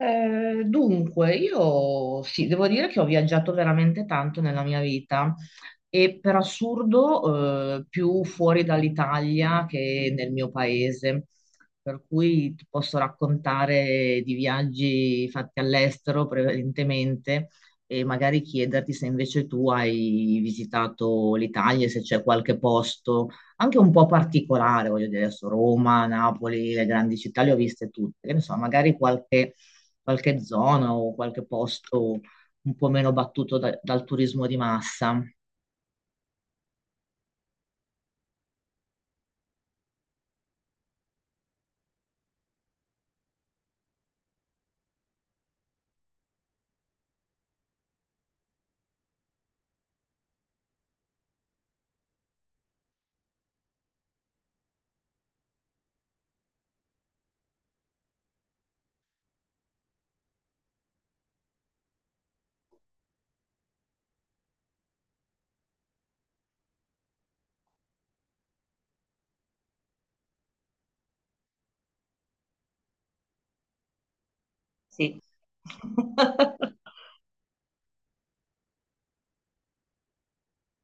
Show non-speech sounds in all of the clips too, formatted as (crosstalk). Dunque, io sì, devo dire che ho viaggiato veramente tanto nella mia vita e per assurdo, più fuori dall'Italia che nel mio paese. Per cui ti posso raccontare di viaggi fatti all'estero prevalentemente e magari chiederti se invece tu hai visitato l'Italia, e se c'è qualche posto anche un po' particolare, voglio dire, adesso Roma, Napoli, le grandi città le ho viste tutte, che ne so, magari qualche zona o qualche posto un po' meno battuto dal turismo di massa. Sì. (laughs)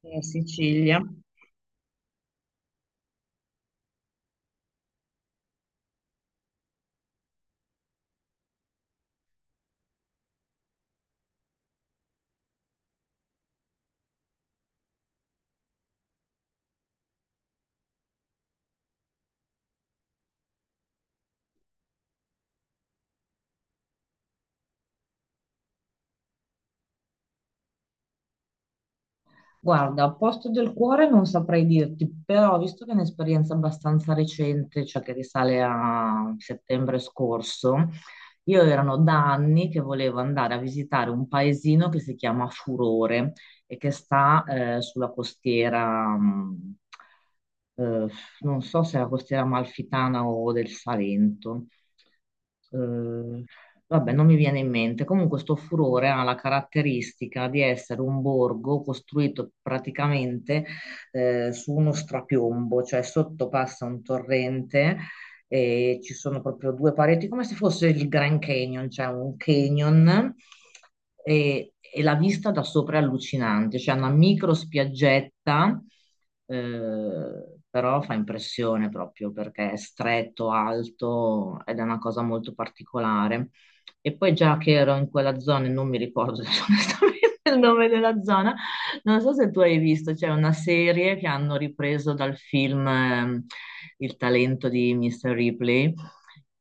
Sicilia. Guarda, posto del cuore non saprei dirti, però visto che è un'esperienza abbastanza recente, cioè che risale a settembre scorso, io erano da anni che volevo andare a visitare un paesino che si chiama Furore, e che sta sulla costiera, eh, non so se è la costiera amalfitana o del Salento. Eh, Vabbè, non mi viene in mente. Comunque, sto furore ha la caratteristica di essere un borgo costruito praticamente su uno strapiombo, cioè sotto passa un torrente e ci sono proprio due pareti, come se fosse il Grand Canyon, cioè un canyon e la vista da sopra è allucinante, c'è una micro spiaggetta, però fa impressione proprio perché è stretto, alto ed è una cosa molto particolare. E poi già che ero in quella zona e non mi ricordo (laughs) adesso onestamente il nome della zona, non so se tu hai visto, c'è una serie che hanno ripreso dal film Il talento di Mr. Ripley,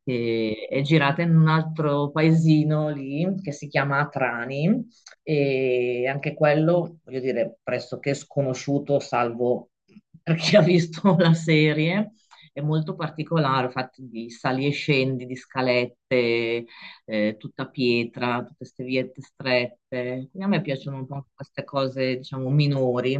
che è girata in un altro paesino lì che si chiama Atrani e anche quello, voglio dire, pressoché sconosciuto, salvo per chi ha visto (laughs) la serie. È molto particolare, fatto di sali e scendi, di scalette, tutta pietra, tutte queste viette strette. Quindi a me piacciono un po' queste cose, diciamo, minori.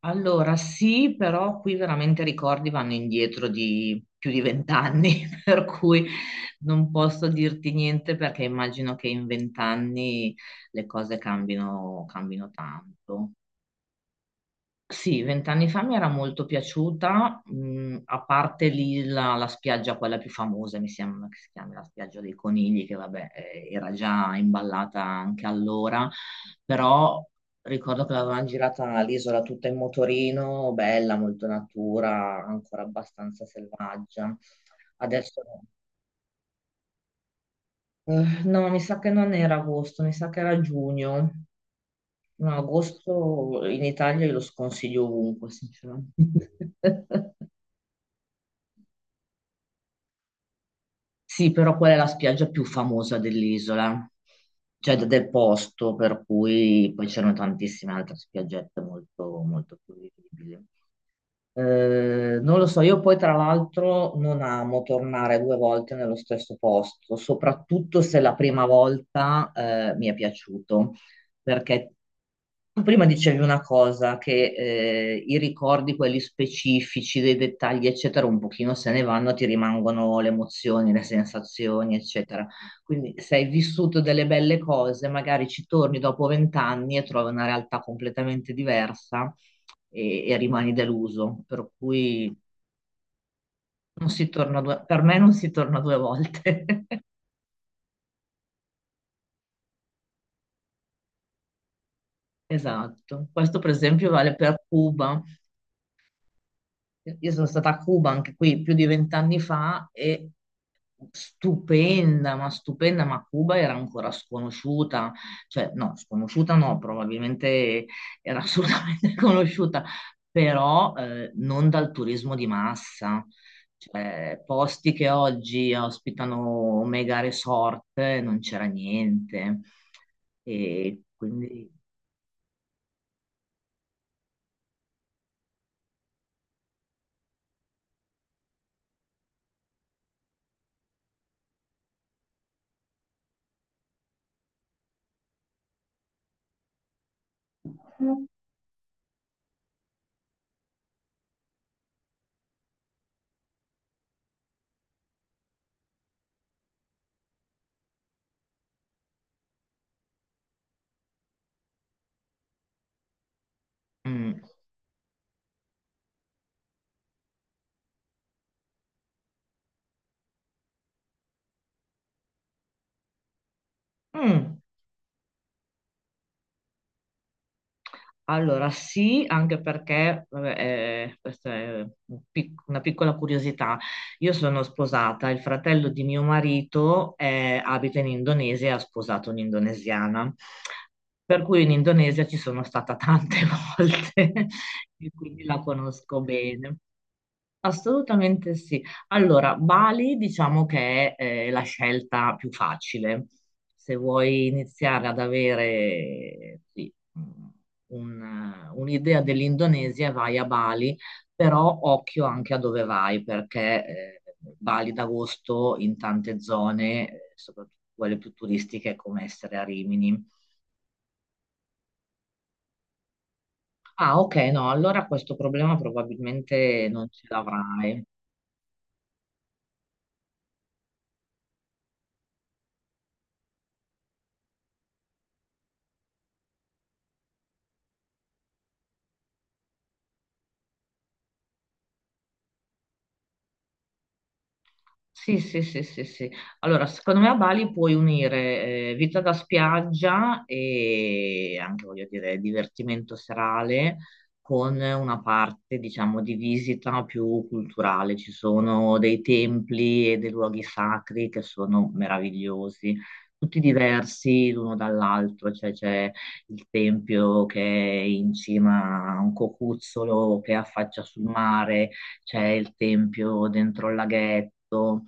Allora sì, però qui veramente i ricordi vanno indietro di più di 20 anni, (laughs) per cui non posso dirti niente perché immagino che in 20 anni le cose cambino, cambino tanto. Sì, 20 anni fa mi era molto piaciuta, a parte lì la spiaggia, quella più famosa, mi sembra che si chiami la spiaggia dei conigli, che vabbè, era già imballata anche allora, però ricordo che l'avevamo girata l'isola tutta in motorino, bella, molto natura, ancora abbastanza selvaggia. Adesso no, mi sa che non era agosto, mi sa che era giugno. No, agosto in Italia io lo sconsiglio ovunque, sinceramente. (laughs) Sì, però qual è la spiaggia più famosa dell'isola? Cioè del posto, per cui poi c'erano tantissime altre spiaggette molto, molto più vivibili. Non lo so, io poi tra l'altro non amo tornare due volte nello stesso posto, soprattutto se la prima volta mi è piaciuto perché tu prima dicevi una cosa, che i ricordi, quelli specifici, dei dettagli, eccetera, un pochino se ne vanno, ti rimangono le emozioni, le sensazioni, eccetera. Quindi se hai vissuto delle belle cose, magari ci torni dopo 20 anni e trovi una realtà completamente diversa e rimani deluso. Per cui non si torna due- per me non si torna due volte. (laughs) Esatto. Questo per esempio vale per Cuba. Io sono stata a Cuba anche qui più di 20 anni fa e stupenda, ma Cuba era ancora sconosciuta, cioè no, sconosciuta no, probabilmente era assolutamente (laughs) conosciuta, però non dal turismo di massa. Cioè, posti che oggi ospitano mega resort, non c'era niente. E quindi. Mm, mm. Allora, sì, anche perché, vabbè, questa è una piccola curiosità, io sono sposata, il fratello di mio marito abita in Indonesia e ha sposato un'indonesiana, per cui in Indonesia ci sono stata tante (laughs) volte e quindi la conosco bene. Assolutamente sì. Allora, Bali diciamo che è la scelta più facile. Se vuoi iniziare ad avere sì, un'idea dell'Indonesia, vai a Bali, però occhio anche a dove vai, perché Bali d'agosto in tante zone, soprattutto quelle più turistiche, è come essere a Rimini. Ah, ok, no, allora questo problema probabilmente non ce l'avrai. Sì, sì, sì, sì, sì. Allora, secondo me a Bali puoi unire vita da spiaggia e anche, voglio dire, divertimento serale con una parte, diciamo, di visita più culturale. Ci sono dei templi e dei luoghi sacri che sono meravigliosi, tutti diversi l'uno dall'altro, cioè c'è il tempio che è in cima a un cocuzzolo che affaccia sul mare, c'è il tempio dentro il laghetto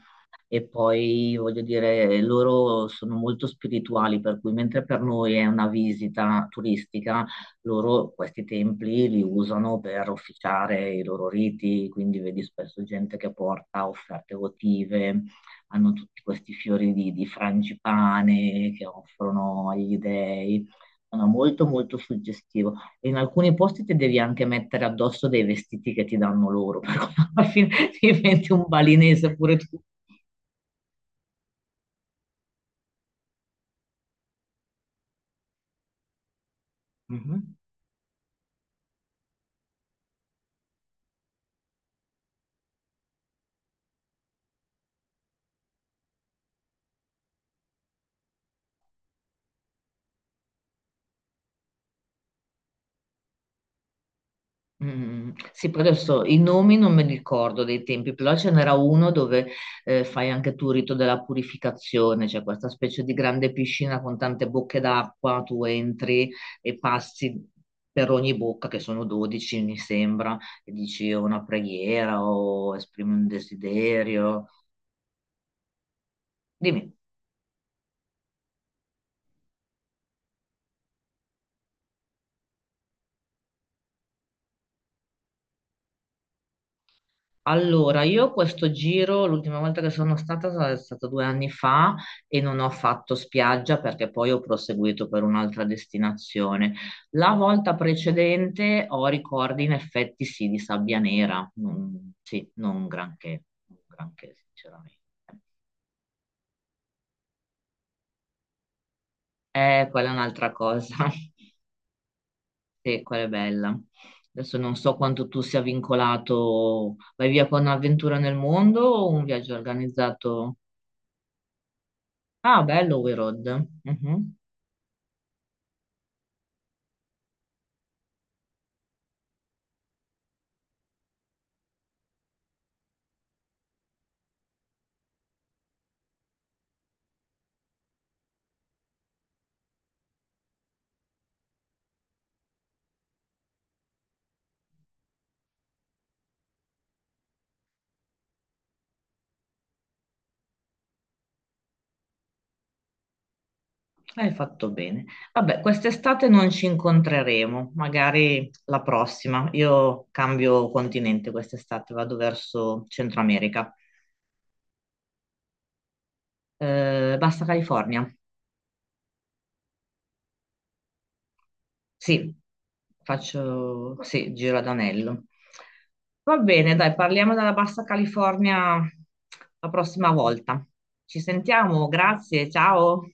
e poi voglio dire, loro sono molto spirituali, per cui mentre per noi è una visita turistica, loro questi templi li usano per officiare i loro riti, quindi vedi spesso gente che porta offerte votive, hanno tutti questi fiori di frangipane che offrono agli dei. Sono molto molto suggestivo. E in alcuni posti ti devi anche mettere addosso dei vestiti che ti danno loro, (laughs) per cui alla fine diventi un balinese pure tu. Mhm. Mm, sì, però adesso i nomi non me li ricordo dei tempi, però ce n'era uno dove fai anche tu il rito della purificazione, cioè questa specie di grande piscina con tante bocche d'acqua, tu entri e passi per ogni bocca, che sono 12 mi sembra, e dici una preghiera o esprimi un desiderio. Dimmi. Allora, io questo giro, l'ultima volta che sono stata è stato 2 anni fa e non ho fatto spiaggia perché poi ho proseguito per un'altra destinazione. La volta precedente ho ricordi in effetti sì di sabbia nera, non, sì, non granché, non granché sinceramente. Quella è un'altra cosa, (laughs) sì, quella è bella. Adesso non so quanto tu sia vincolato, vai via con un'avventura nel mondo o un viaggio organizzato? Ah, bello We Road. Mhm. Hai fatto bene. Vabbè, quest'estate non ci incontreremo, magari la prossima. Io cambio continente quest'estate, vado verso Centro America. Basta California. Sì, faccio, sì, giro ad anello. Va bene, dai, parliamo della Bassa California la prossima volta. Ci sentiamo, grazie, ciao.